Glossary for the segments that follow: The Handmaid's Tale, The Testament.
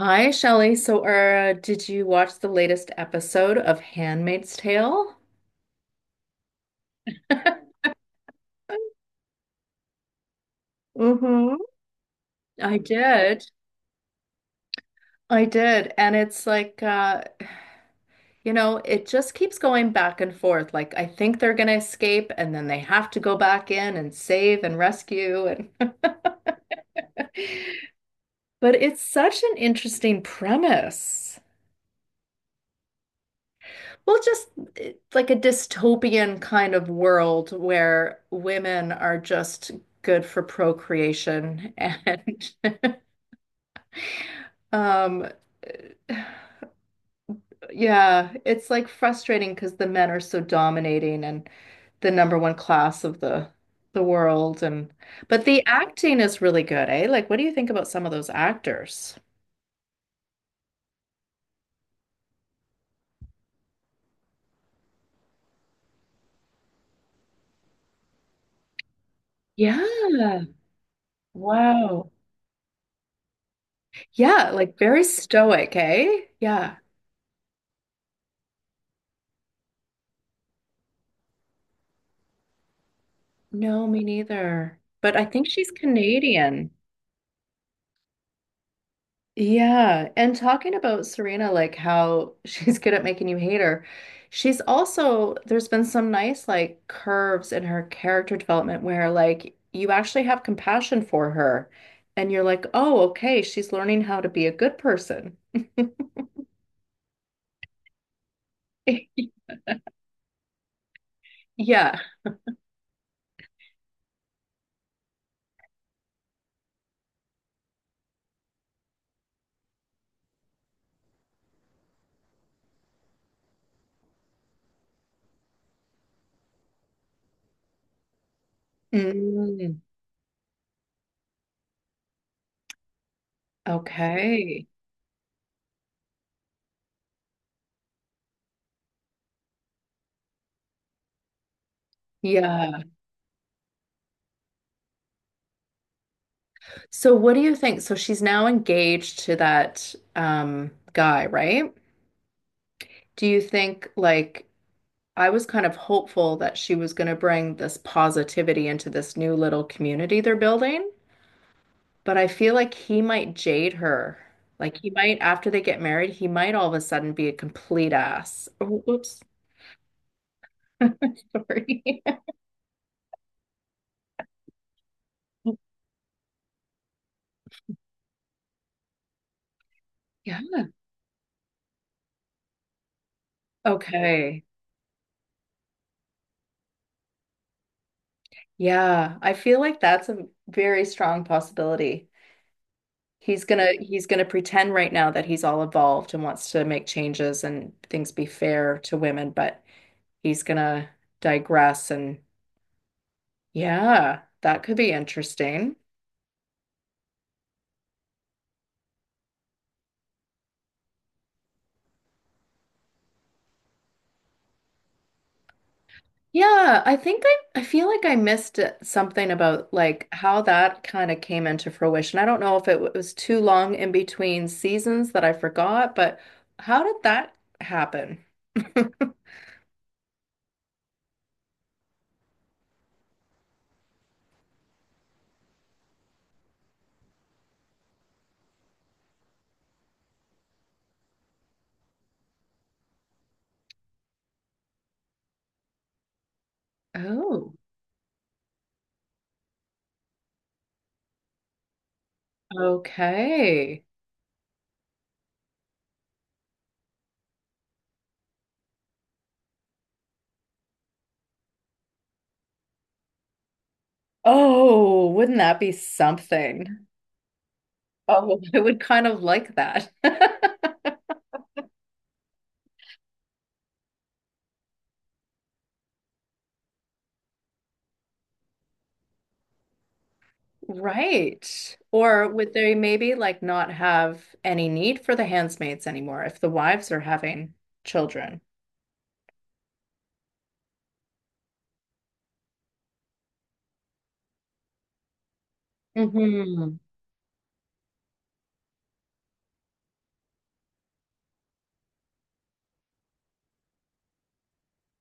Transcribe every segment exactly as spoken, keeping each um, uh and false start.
Hi, Shelley. So, uh, did you watch the latest episode of Handmaid's Tale? Mm-hmm. I did. I did. And it's like, uh, you know, it just keeps going back and forth. Like, I think they're gonna escape, and then they have to go back in and save and rescue. And but it's such an interesting premise. Well, just it's like a dystopian kind of world where women are just good for procreation and Um, yeah, it's like frustrating because the men are so dominating and the number one class of the the world, and but the acting is really good, eh? Like, what do you think about some of those actors? Yeah. Wow. Yeah, like very stoic, eh? Yeah. No, me neither. But I think she's Canadian. Yeah, and talking about Serena, like how she's good at making you hate her, she's also, there's been some nice like curves in her character development where like you actually have compassion for her and you're like, oh, okay, she's learning how to be a good person. Yeah. Mm, okay. Yeah. So what do you think? So she's now engaged to that um guy, right? Do you think like I was kind of hopeful that she was going to bring this positivity into this new little community they're building, but I feel like he might jade her. Like he might, after they get married, he might all of a sudden be a complete ass. Oh, oops. Sorry. Yeah. Okay. Yeah, I feel like that's a very strong possibility. He's gonna he's gonna pretend right now that he's all evolved and wants to make changes and things be fair to women, but he's gonna digress and yeah, that could be interesting. Yeah, I think I I feel like I missed it- something about like how that kind of came into fruition. I don't know if it w- was too long in between seasons that I forgot, but how did that happen? Oh, okay. Oh, wouldn't that be something? Oh, I would kind of like that. Right. Or would they maybe like not have any need for the handmaids anymore if the wives are having children? Hmm.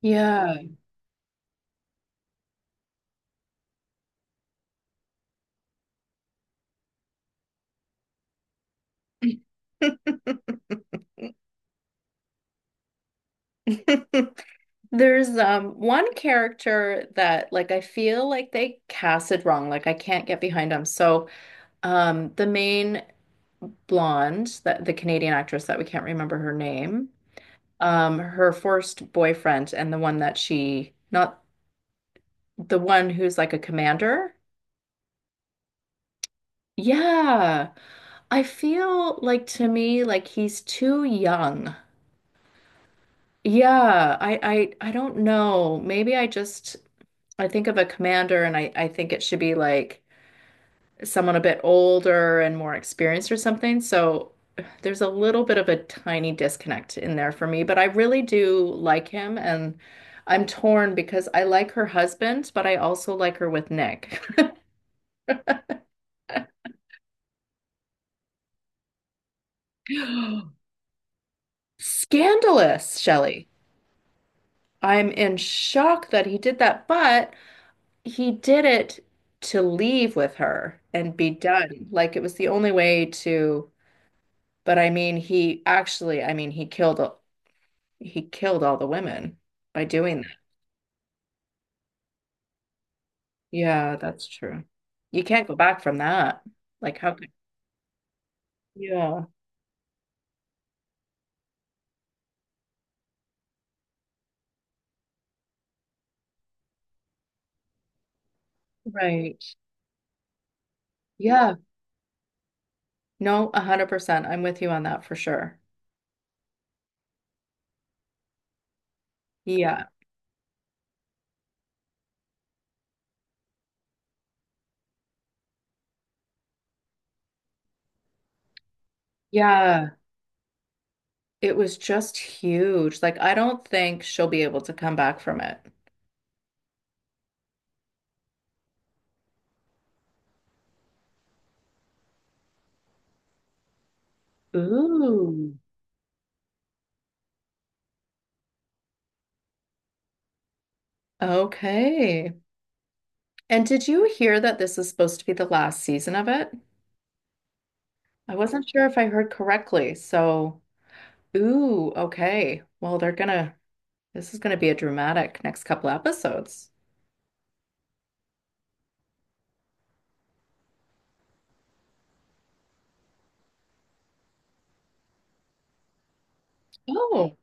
Yeah. There's um one character that like I feel like they cast it wrong. Like I can't get behind him. So um the main blonde, that the Canadian actress that we can't remember her name, um, her first boyfriend and the one that she not the one who's like a commander. Yeah, I feel like to me like he's too young. Yeah, I I I don't know. Maybe I just I think of a commander and I I think it should be like someone a bit older and more experienced or something. So there's a little bit of a tiny disconnect in there for me, but I really do like him, and I'm torn because I like her husband, but I also like her with Nick. Scandalous, Shelley. I'm in shock that he did that, but he did it to leave with her and be done. Like it was the only way to, but I mean, he actually, I mean, he killed he killed all the women by doing that. Yeah, that's true. You can't go back from that. Like how could, yeah, right. Yeah. No, one hundred percent. I'm with you on that for sure. Yeah. Yeah. It was just huge. Like I don't think she'll be able to come back from it. Ooh, okay. And did you hear that this is supposed to be the last season of it? I wasn't sure if I heard correctly. So, ooh, okay. Well, they're gonna, this is gonna be a dramatic next couple episodes. Oh,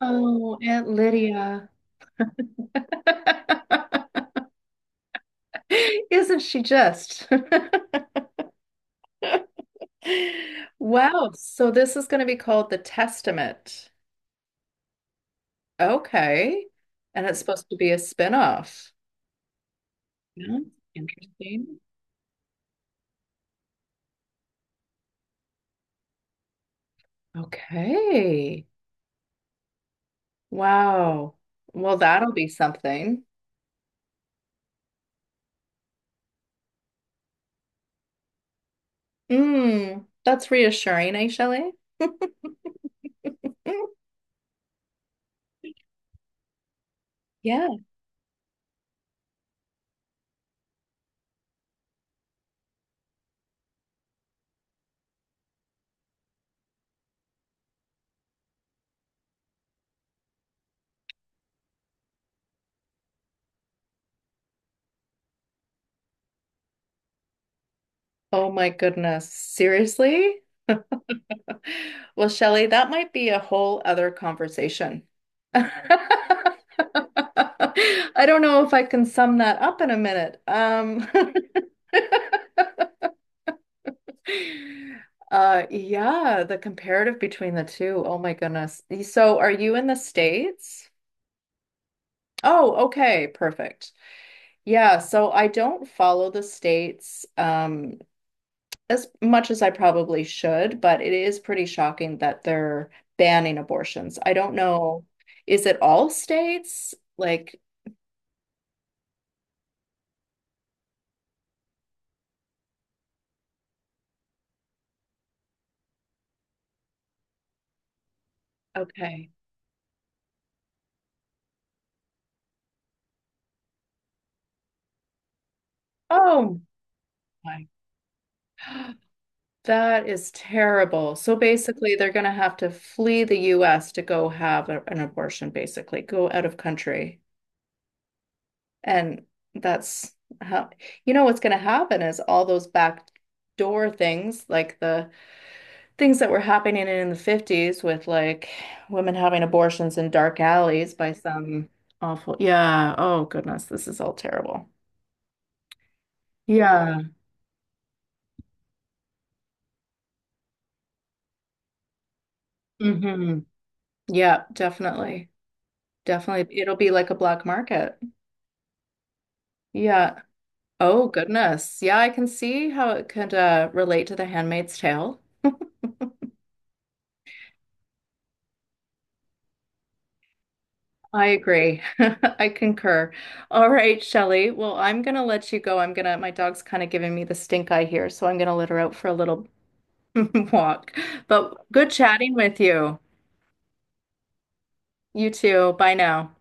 oh, Aunt Lydia. Isn't she just? Wow. So this is gonna be called The Testament. Okay. And it's supposed to be a spin-off. Yeah, interesting. Okay. Wow. Well, that'll be something. Mm, that's reassuring, eh, Shelley? Mm, yeah. Oh my goodness. Seriously? Well, Shelley, that might be a whole other conversation. I don't know if I can sum that up in a minute. Um, uh, yeah, the comparative between the two. Oh my goodness. So, are you in the States? Oh, okay, perfect. Yeah, so I don't follow the states um, as much as I probably should, but it is pretty shocking that they're banning abortions. I don't know. Is it all states? Like, okay. Oh my. That is terrible. So basically, they're going to have to flee the U S to go have a- an abortion, basically, go out of country. And that's how, you know, what's going to happen is all those back door things like the things that were happening in the fifties with like women having abortions in dark alleys by some awful, yeah. Oh goodness, this is all terrible. Yeah. Hmm. Yeah, definitely. Definitely. It'll be like a black market. Yeah. Oh goodness. Yeah, I can see how it could uh, relate to The Handmaid's Tale. I agree. I concur. All right, Shelley. Well, I'm gonna let you go. I'm gonna, my dog's kind of giving me the stink eye here, so I'm gonna let her out for a little walk. But good chatting with you. You too. Bye now.